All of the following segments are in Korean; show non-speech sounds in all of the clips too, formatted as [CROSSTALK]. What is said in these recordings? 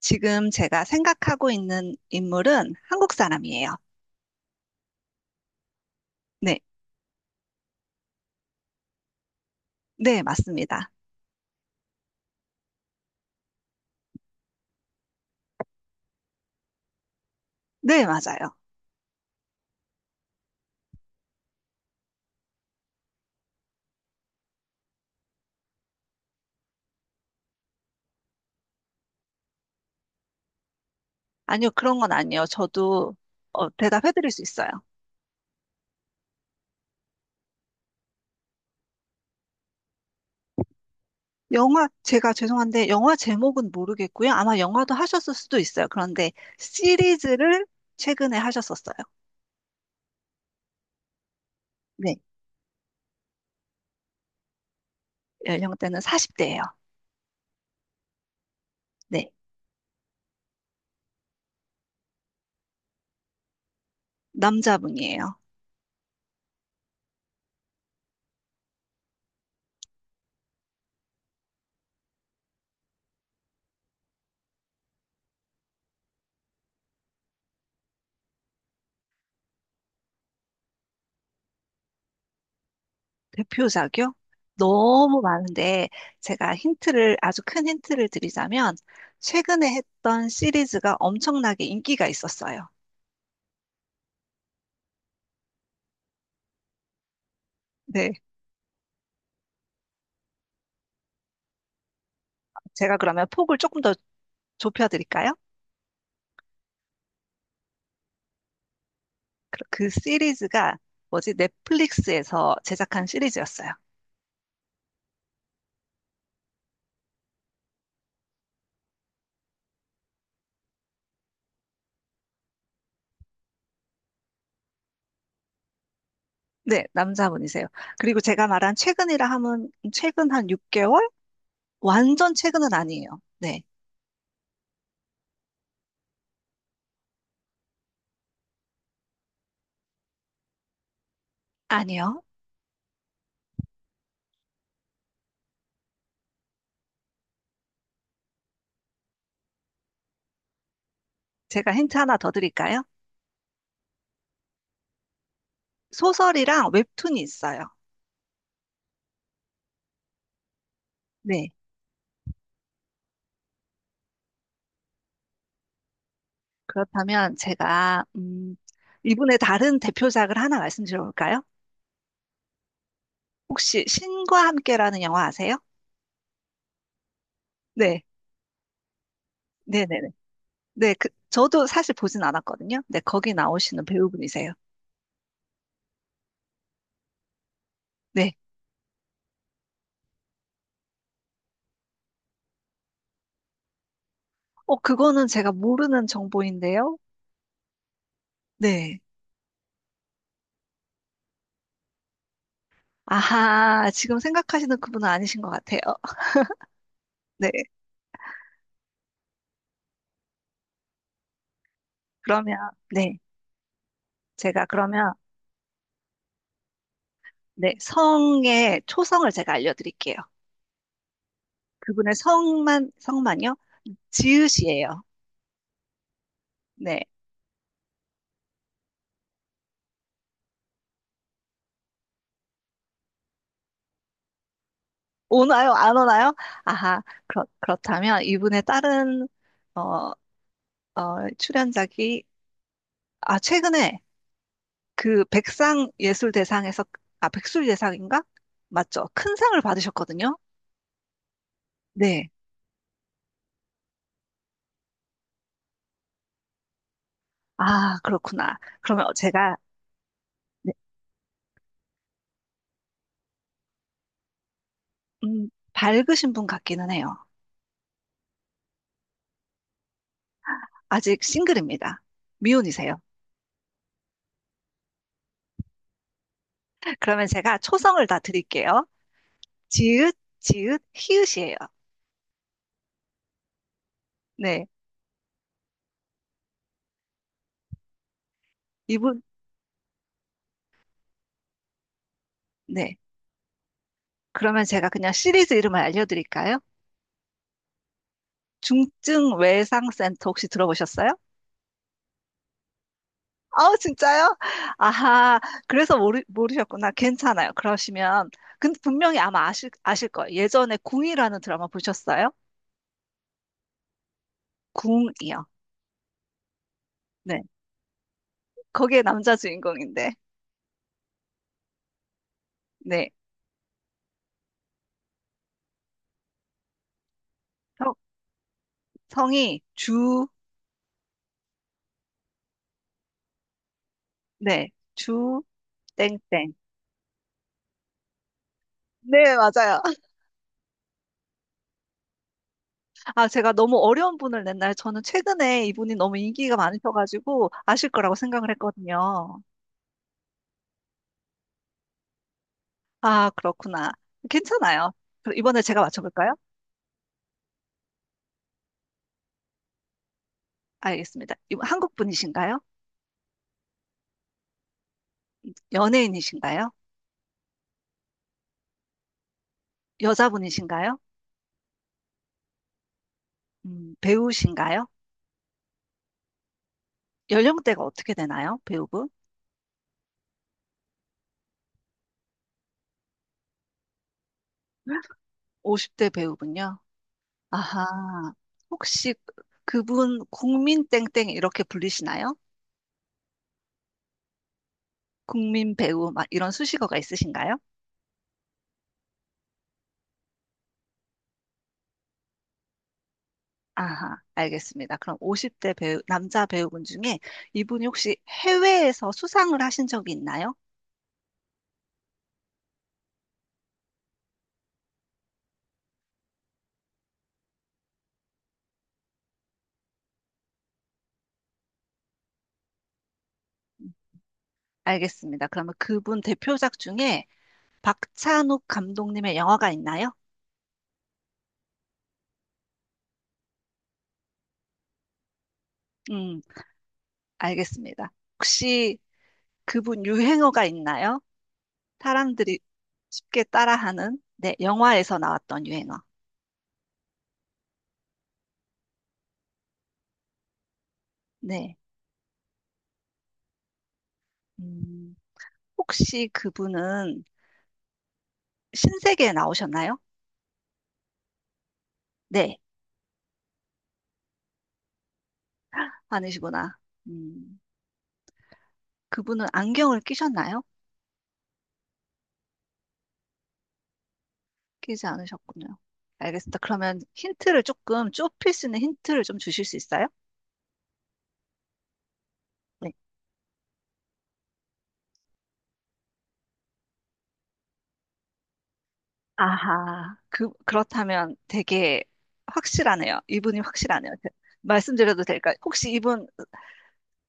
지금 제가 생각하고 있는 인물은 한국 사람이에요. 네, 네, 맞습니다. 네, 맞아요. 아니요, 그런 건 아니에요. 저도 대답해드릴 수 있어요. 영화, 제가 죄송한데, 영화 제목은 모르겠고요. 아마 영화도 하셨을 수도 있어요. 그런데 시리즈를 최근에 하셨었어요. 네, 연령대는 40대예요. 네, 남자분이에요. 대표작이요? 너무 많은데 제가 힌트를 아주 큰 힌트를 드리자면 최근에 했던 시리즈가 엄청나게 인기가 있었어요. 네, 제가 그러면 폭을 조금 더 좁혀 드릴까요? 그 시리즈가 뭐지? 넷플릭스에서 제작한 시리즈였어요. 네, 남자분이세요. 그리고 제가 말한 최근이라 하면 최근 한 6개월? 완전 최근은 아니에요. 네, 아니요. 제가 힌트 하나 더 드릴까요? 소설이랑 웹툰이 있어요. 네. 그렇다면 제가 이분의 다른 대표작을 하나 말씀드려볼까요? 혹시 신과 함께라는 영화 아세요? 네, 네, 네, 네. 네, 그 저도 사실 보진 않았거든요. 네, 거기 나오시는 배우분이세요. 네. 어, 그거는 제가 모르는 정보인데요. 네. 아하, 지금 생각하시는 그분은 아니신 것 같아요. 어, 네. 그러면 네, 제가 그러면 네, 성의 초성을 제가 알려드릴게요. 그분의 성만요? 지읒이에요. 네. 오나요? 안 오나요? 아하, 그렇다면 이분의 다른, 어, 어, 출연작이, 아, 최근에 그 백상예술대상에서, 아, 백술예상인가? 맞죠? 큰 상을 받으셨거든요? 네. 아, 그렇구나. 그러면 제가, 네, 밝으신 분 같기는 해요. 아직 싱글입니다. 미혼이세요. [LAUGHS] 그러면 제가 초성을 다 드릴게요. 지읒, 지읒, 히읗이에요. 네. 이분, 네. 그러면 제가 그냥 시리즈 이름을 알려드릴까요? 중증 외상 센터 혹시 들어보셨어요? 아우, 진짜요? 아하, 그래서 모르셨구나. 괜찮아요. 그러시면, 근데 분명히 아마 아실 거예요. 예전에 궁이라는 드라마 보셨어요? 궁이요. 네. 거기에 남자 주인공인데, 네. 성, 성이 주, 네. 주, 땡땡. 네, 맞아요. [LAUGHS] 아, 제가 너무 어려운 분을 냈나요? 저는 최근에 이분이 너무 인기가 많으셔가지고 아실 거라고 생각을 했거든요. 아, 그렇구나. 괜찮아요. 그럼 이번에 제가 맞춰볼까요? 알겠습니다. 이분 한국 분이신가요? 연예인이신가요? 여자분이신가요? 배우신가요? 연령대가 어떻게 되나요? 배우분? 50대 배우분요. 아하. 혹시 그분 국민 땡땡 이렇게 불리시나요? 국민 배우 막 이런 수식어가 있으신가요? 아하, 알겠습니다. 그럼 50대 배우, 남자 배우분 중에 이분이 혹시 해외에서 수상을 하신 적이 있나요? 알겠습니다. 그러면 그분 대표작 중에 박찬욱 감독님의 영화가 있나요? 음, 알겠습니다. 혹시 그분 유행어가 있나요? 사람들이 쉽게 따라하는, 네, 영화에서 나왔던 유행어. 네. 음, 혹시 그분은 신세계에 나오셨나요? 네, 아니시구나. 음, 그분은 안경을 끼셨나요? 끼지 않으셨군요. 알겠습니다. 그러면 힌트를 조금 좁힐 수 있는 힌트를 좀 주실 수 있어요? 네. 아하, 그렇다면 되게 확실하네요. 이분이 확실하네요. 말씀드려도 될까요? 혹시 이분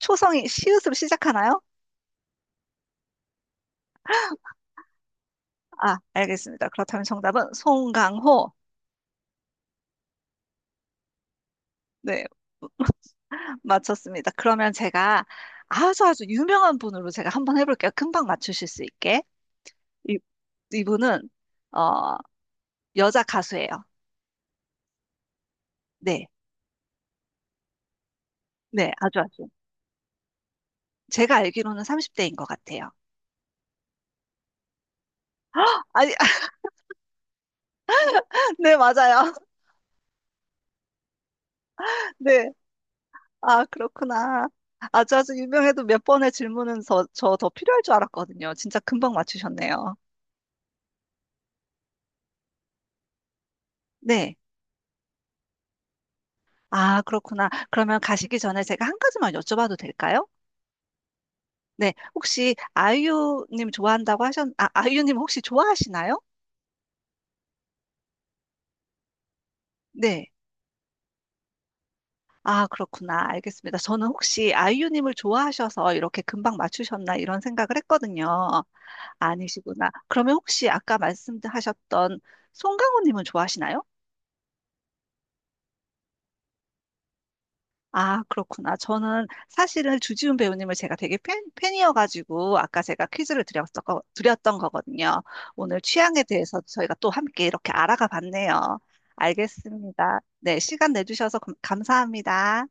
초성이 시옷으로 시작하나요? 아, 알겠습니다. 그렇다면 정답은 송강호. 네, [LAUGHS] 맞췄습니다. 그러면 제가 아주 아주 유명한 분으로 제가 한번 해볼게요. 금방 맞추실 수 있게. 이, 이분은, 어, 여자 가수예요. 네, 네, 아주 아주. 제가 알기로는 30대인 것 같아요. 아니, [LAUGHS] 네, 맞아요. [LAUGHS] 네. 아, 그렇구나. 아주 아주 유명해도 몇 번의 질문은 저 더 필요할 줄 알았거든요. 진짜 금방 맞추셨네요. 네. 아, 그렇구나. 그러면 가시기 전에 제가 한 가지만 여쭤봐도 될까요? 네. 혹시 아이유님 아, 아이유님 혹시 좋아하시나요? 네. 아, 그렇구나. 알겠습니다. 저는 혹시 아이유님을 좋아하셔서 이렇게 금방 맞추셨나 이런 생각을 했거든요. 아니시구나. 그러면 혹시 아까 말씀하셨던 송강호님은 좋아하시나요? 아, 그렇구나. 저는 사실은 주지훈 배우님을 제가 되게 팬이어가지고 아까 제가 퀴즈를 드렸던 거거든요. 오늘 취향에 대해서 저희가 또 함께 이렇게 알아가 봤네요. 알겠습니다. 네, 시간 내주셔서 감사합니다.